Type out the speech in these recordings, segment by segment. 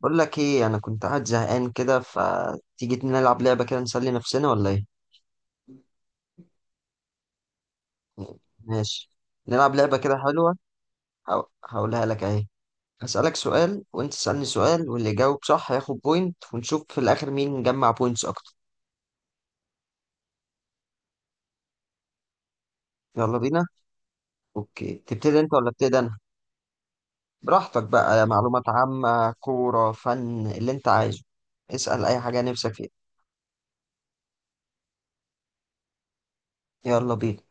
بقول لك ايه، انا كنت قاعد زهقان كده. فتيجي نلعب لعبه كده نسلي نفسنا ولا ايه؟ ماشي، نلعب لعبه كده حلوه. هقولها لك اهي. هسألك سؤال وانت تسألني سؤال، واللي يجاوب صح هياخد بوينت، ونشوف في الاخر مين جمع بوينتس اكتر. يلا بينا. اوكي، تبتدي انت ولا ابتدي انا؟ براحتك بقى، معلومات عامه، كوره، فن، اللي انت عايزه. اسأل اي حاجه نفسك فيها. يلا بينا،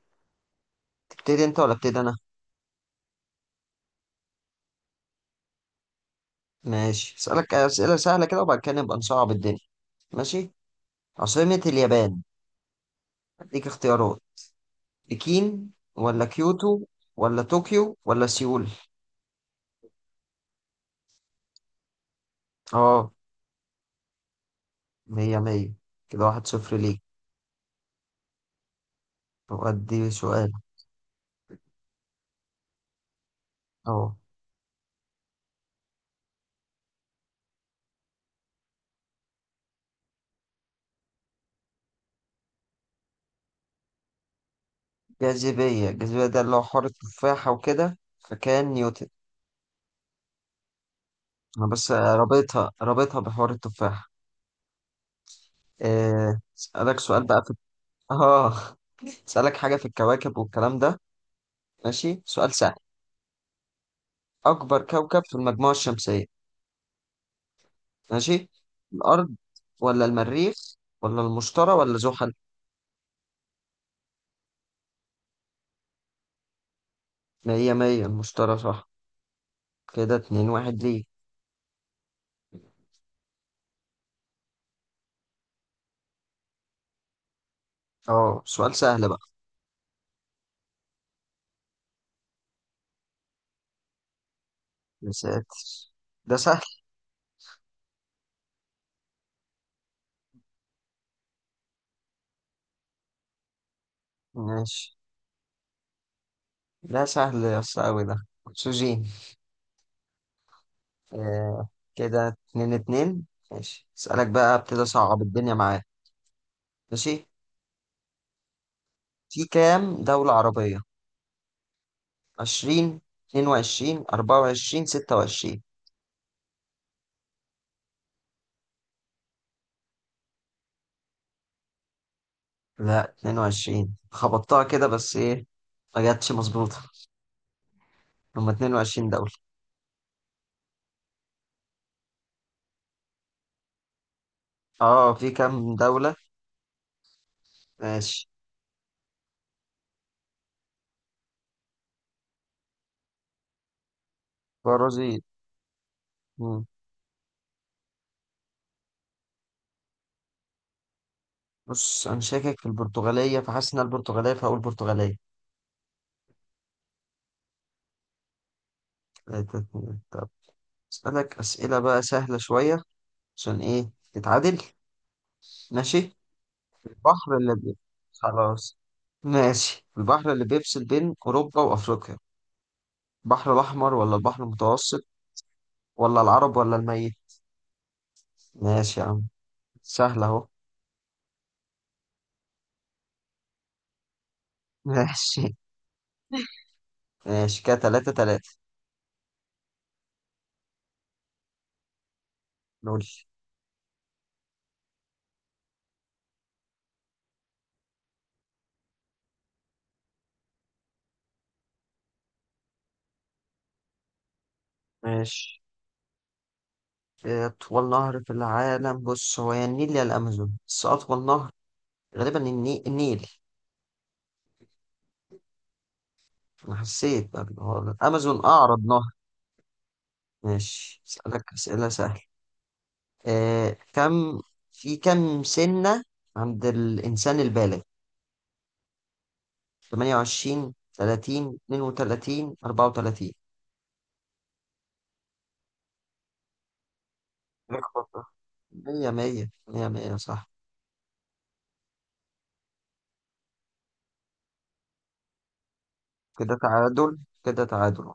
تبتدي انت ولا ابتدي انا؟ ماشي، هسألك اسئله سهله كده وبعد كده نبقى نصعب الدنيا. ماشي، عاصمة اليابان. اديك اختيارات: بكين ولا كيوتو ولا طوكيو ولا سيول؟ اه، مية مية، كده واحد صفر ليك. طب ادي سؤال. اه، الجاذبية ده اللي هو حوار التفاحة وكده، فكان نيوتن. انا بس رابطها بحوار التفاحة. آه، اسألك سؤال بقى في، اه، اسألك حاجة في الكواكب والكلام ده. ماشي، سؤال سهل: أكبر كوكب في المجموعة الشمسية؟ ماشي، الأرض ولا المريخ ولا المشتري ولا زحل؟ مية مية، المشتري صح. كده اتنين واحد ليه. اه، سؤال سهل بقى. يا ساتر، ده سهل. ماشي، ده سهل يا اسطى، أوي ده. أكسجين. آه، كده اتنين اتنين. ماشي، اسألك بقى، ابتدي أصعب الدنيا معاك. ماشي، في كام دولة عربية؟ عشرين، اتنين وعشرين، أربعة وعشرين، ستة وعشرين؟ لا، اتنين وعشرين خبطتها كده، بس ايه، ما جاتش مظبوطة. هما 22 دولة. اه، في كام دولة. ماشي، برازيل. مم. بص، انا شاكك في البرتغالية، فحاسس ان البرتغالية، فهقول برتغالية. تلاتة، اتنين. طب اسألك اسئلة بقى سهلة شوية، عشان ايه تتعادل. ماشي، البحر اللي بي... خلاص، ماشي، البحر اللي بيفصل بين اوروبا وافريقيا، البحر الاحمر ولا البحر المتوسط ولا العرب ولا الميت؟ ماشي يا عم، سهلة اهو. ماشي. ماشي، كده تلاتة تلاتة. نقول، ماشي، أطول نهر في العالم. بص، هو يا النيل يا الأمازون، بس أطول نهر غالبا النيل. أنا حسيت بقى هو الأمازون أعرض نهر. ماشي، أسألك أسئلة سهلة. آه، كم، في كم سنة عند الإنسان البالغ؟ 28، 30، 32، 34؟ اخبط ده. 100 100 100 100، صح، كده تعادل، كده تعادل.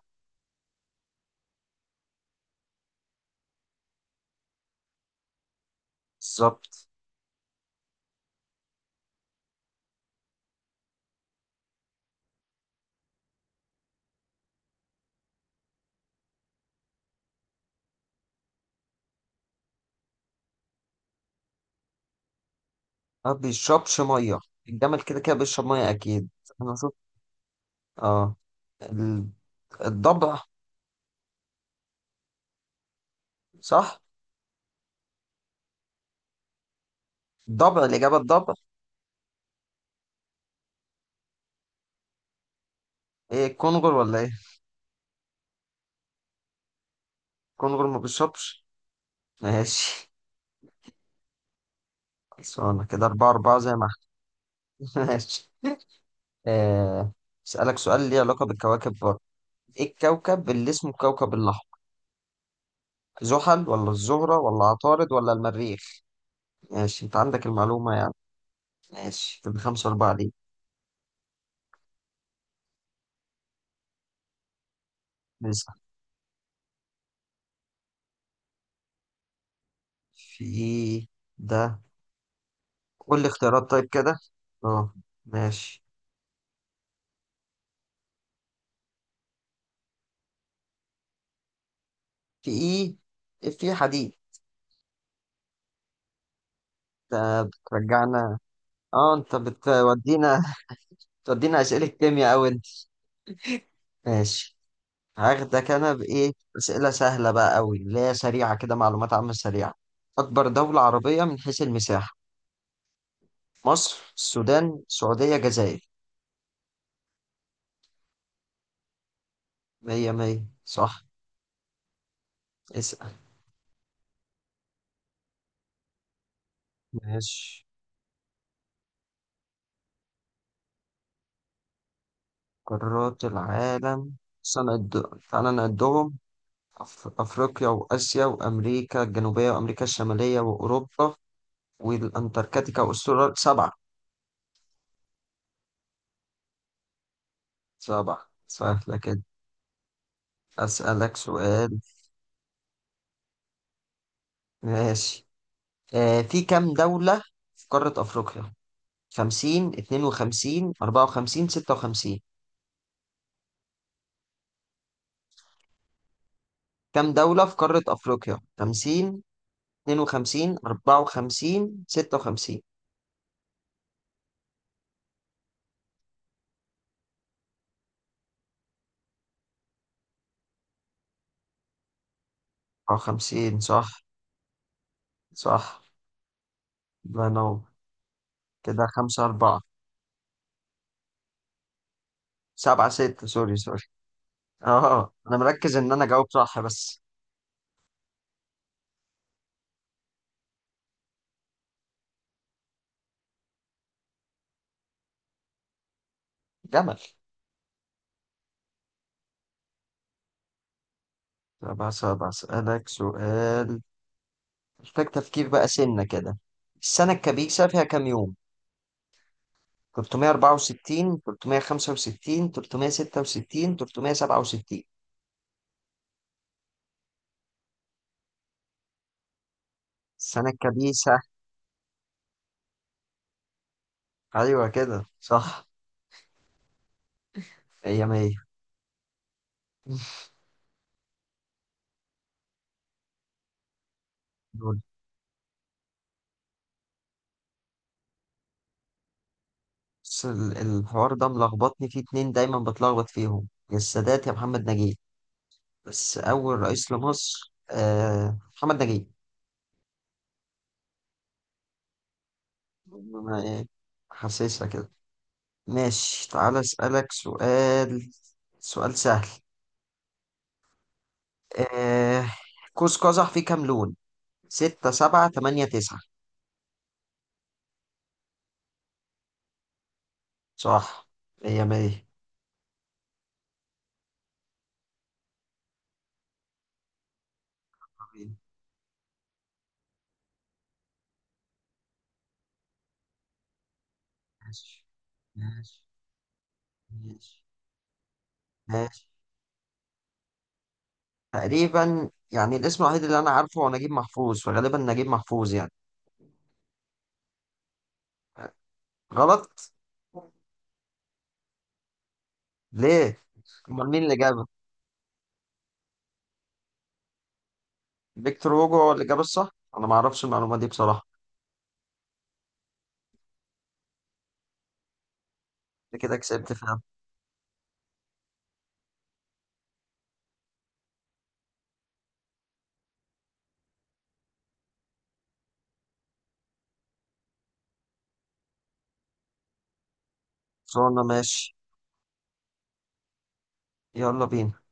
بالظبط، ما بيشربش مية. الجمل كده كده بيشرب مية أكيد. أنا شفت. اه، الضبع صح. الضبع الإجابة، الضبع. ايه، الكونغر ولا ايه؟ الكونغر ما بيشربش. ماشي، خلصانة كده أربعة أربعة، زي ما احنا. ماشي. آه، أسألك سؤال ليه علاقة بالكواكب برضه: ايه الكوكب اللي اسمه الكوكب الأحمر؟ زحل ولا الزهرة ولا عطارد ولا المريخ؟ ماشي، انت عندك المعلومة يعني. ماشي، كده خمسة أربعة ليه. نسأل، في ايه ده؟ قول لي اختيارات طيب كده. اه، ماشي، في ايه، في حديد. ده بترجعنا، اه انت بتودينا، بتودينا اسئله كيمياء اوي انت. ماشي، هاخدك انا بايه. اسئله سهله بقى اوي اللي هي سريعه كده، معلومات عامه سريعه. اكبر دوله عربيه من حيث المساحه: مصر، السودان، سعوديه، جزائر؟ مية مية صح. اسأل. ماشي، قارات العالم. بس أنا تعالى نعدهم: أفريقيا، وآسيا، وأمريكا الجنوبية، وأمريكا الشمالية، وأوروبا، والأنتاركتيكا، وأستراليا. سبعة. سبعة سهلة كده. أسألك سؤال. ماشي، آه، في كام دولة في قارة أفريقيا؟ 50، 52، 54، 56؟ كام دولة في قارة أفريقيا؟ 50، 52، 54، 56؟ أو 50 صح. صح، الله ينور. كده 5 4. 7 6، سوري سوري. أه، أنا مركز إن أنا أجاوب صح بس. جمل. طب بس بسألك سؤال محتاج تفكير بقى، سنة كده: السنة الكبيسة فيها كام يوم؟ 364، 365، 366، 367؟ السنة الكبيسة، أيوة كده صح. هي مية. دول، بس الحوار ده ملخبطني فيه، اتنين دايما بتلخبط فيهم: يا السادات يا محمد نجيب. بس أول رئيس لمصر، آه، محمد نجيب. ما- إيه، حاسسها كده. ماشي، تعالى أسألك سؤال، سؤال سهل. آه، قوس قزح فيه كام لون؟ ستة، سبعة، تمانية، تسعة؟ صح، مية مية. طبيعي. ماشي. ماشي. ماشي. ماشي. تقريبا يعني، الاسم الوحيد اللي أنا عارفه هو نجيب محفوظ، فغالبا نجيب محفوظ يعني. غلط؟ ليه؟ أمال مين اللي جابه؟ فيكتور هوجو هو اللي جاب الصح؟ أنا معرفش المعلومة دي بصراحة. أنت كده كسبت فيها. صورنا، ماشي، يلا بينا.